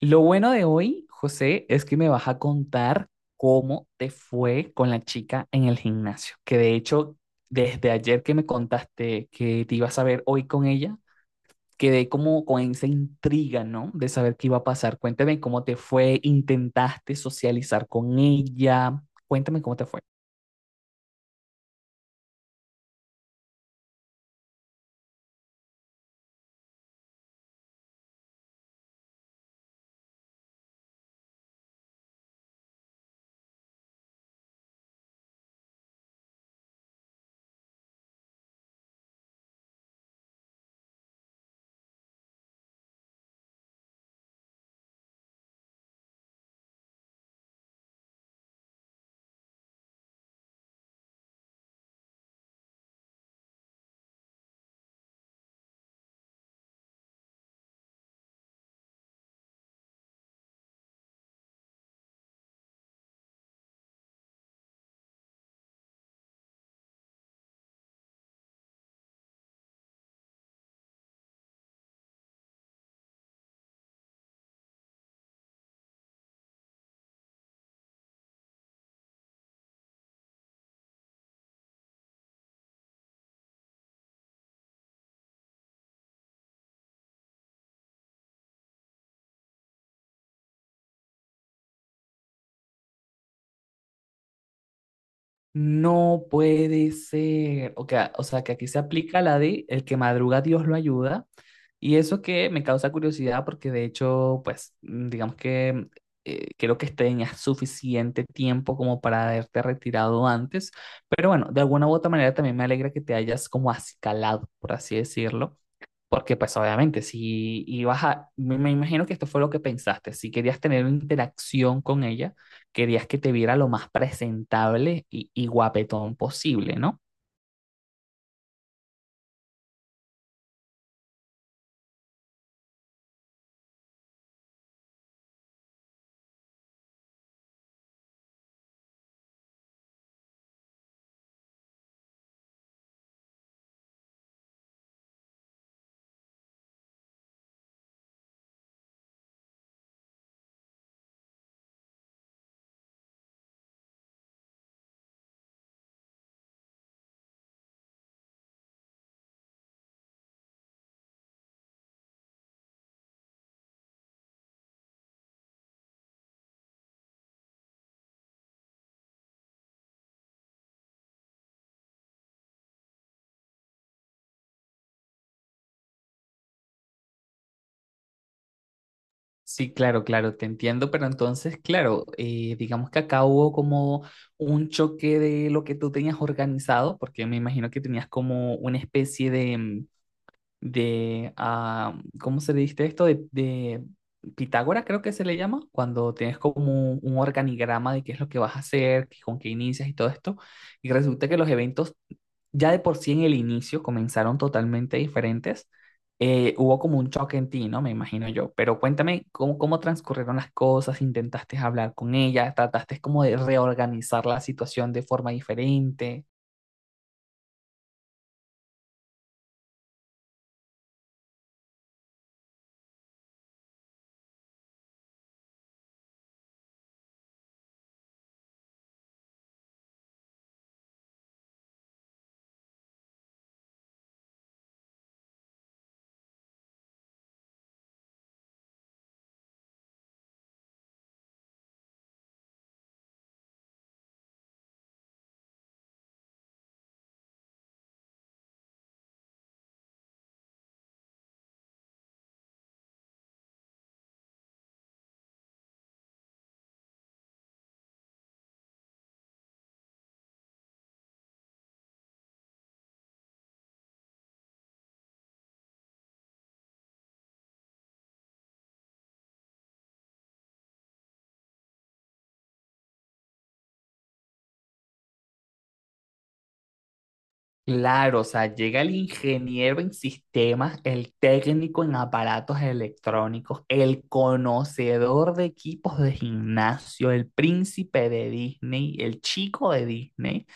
Lo bueno de hoy, José, es que me vas a contar cómo te fue con la chica en el gimnasio, que de hecho, desde ayer que me contaste que te ibas a ver hoy con ella, quedé como con esa intriga, ¿no? De saber qué iba a pasar. Cuéntame cómo te fue, intentaste socializar con ella, cuéntame cómo te fue. No puede ser, o sea, que aquí se aplica la de el que madruga Dios lo ayuda. Y eso que me causa curiosidad porque de hecho, pues, digamos que creo que tenías suficiente tiempo como para haberte retirado antes, pero bueno, de alguna u otra manera también me alegra que te hayas como acicalado, por así decirlo, porque pues obviamente si ibas a, me imagino que esto fue lo que pensaste, si querías tener una interacción con ella, querías que te viera lo más presentable y guapetón posible, ¿no? Sí, claro, claro, te entiendo, pero entonces, claro, digamos que acá hubo como un choque de lo que tú tenías organizado, porque me imagino que tenías como una especie de, de ah, ¿cómo se le dice esto? De Pitágora, creo que se le llama, cuando tienes como un organigrama de qué es lo que vas a hacer, qué- con qué inicias y todo esto, y resulta que los eventos ya de por sí en el inicio comenzaron totalmente diferentes. Hubo como un choque en ti, ¿no? Me imagino yo. Pero cuéntame cómo, cómo transcurrieron las cosas, intentaste hablar con ella, trataste como de reorganizar la situación de forma diferente. Claro, o sea, llega el ingeniero en sistemas, el técnico en aparatos electrónicos, el conocedor de equipos de gimnasio, el príncipe de Disney, el chico de Disney.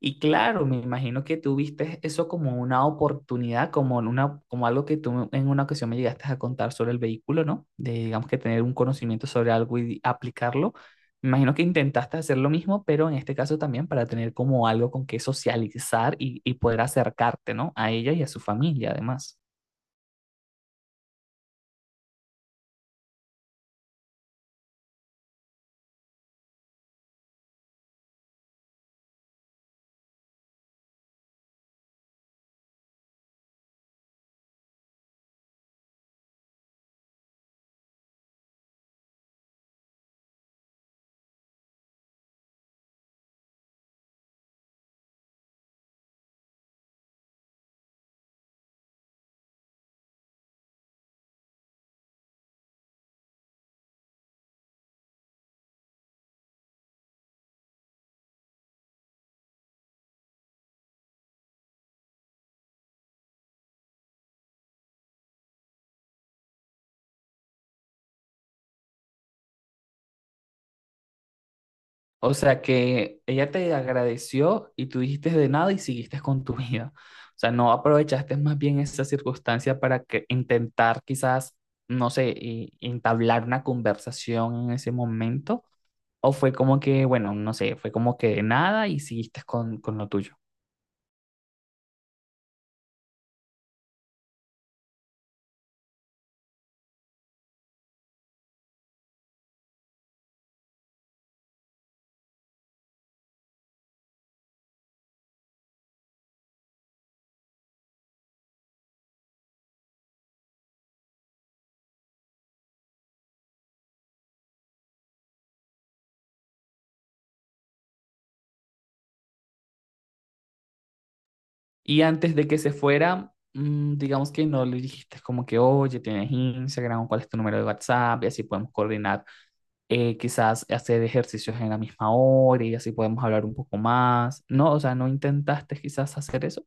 Y claro, me imagino que tú viste eso como una oportunidad, como, en una, como algo que tú en una ocasión me llegaste a contar sobre el vehículo, ¿no? De, digamos que tener un conocimiento sobre algo y aplicarlo. Me imagino que intentaste hacer lo mismo, pero en este caso también para tener como algo con que socializar y poder acercarte, ¿no? A ella y a su familia, además. O sea que ella te agradeció y tú dijiste de nada y siguiste con tu vida. O sea, no aprovechaste más bien esa circunstancia para que intentar quizás, no sé, y- entablar una conversación en ese momento. O fue como que, bueno, no sé, fue como que de nada y siguiste con lo tuyo. Y antes de que se fuera, digamos que no le dijiste como que, oye, tienes Instagram, cuál es tu número de WhatsApp y así podemos coordinar quizás hacer ejercicios en la misma hora y así podemos hablar un poco más. No, o sea, no intentaste quizás hacer eso.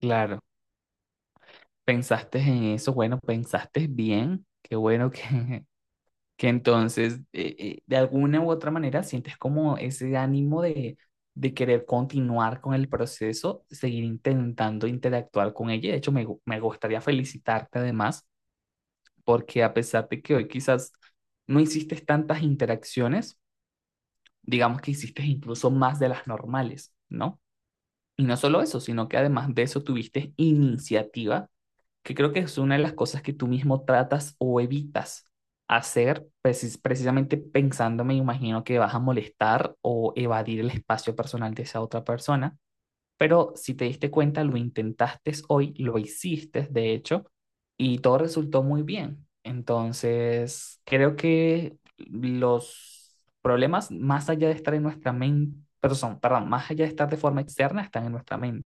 Claro, pensaste en eso, bueno, pensaste bien, qué bueno que, que entonces de alguna u otra manera sientes como ese ánimo de querer continuar con el proceso, seguir intentando interactuar con ella. De hecho, me gustaría felicitarte además, porque a pesar de que hoy quizás no hiciste tantas interacciones, digamos que hiciste incluso más de las normales, ¿no? Y no solo eso, sino que además de eso tuviste iniciativa, que creo que es una de las cosas que tú mismo tratas o evitas hacer, precisamente pensando, me imagino que vas a molestar o evadir el espacio personal de esa otra persona. Pero si te diste cuenta, lo intentaste hoy, lo hiciste, de hecho, y todo resultó muy bien. Entonces, creo que los problemas, más allá de estar en nuestra mente, perdón, más allá de estar de forma externa, están en nuestra mente.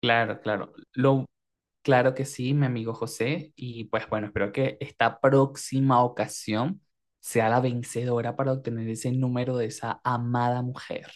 Claro, claro. Claro que sí, mi amigo José. Y pues bueno, espero que esta próxima ocasión sea la vencedora para obtener ese número de esa amada mujer.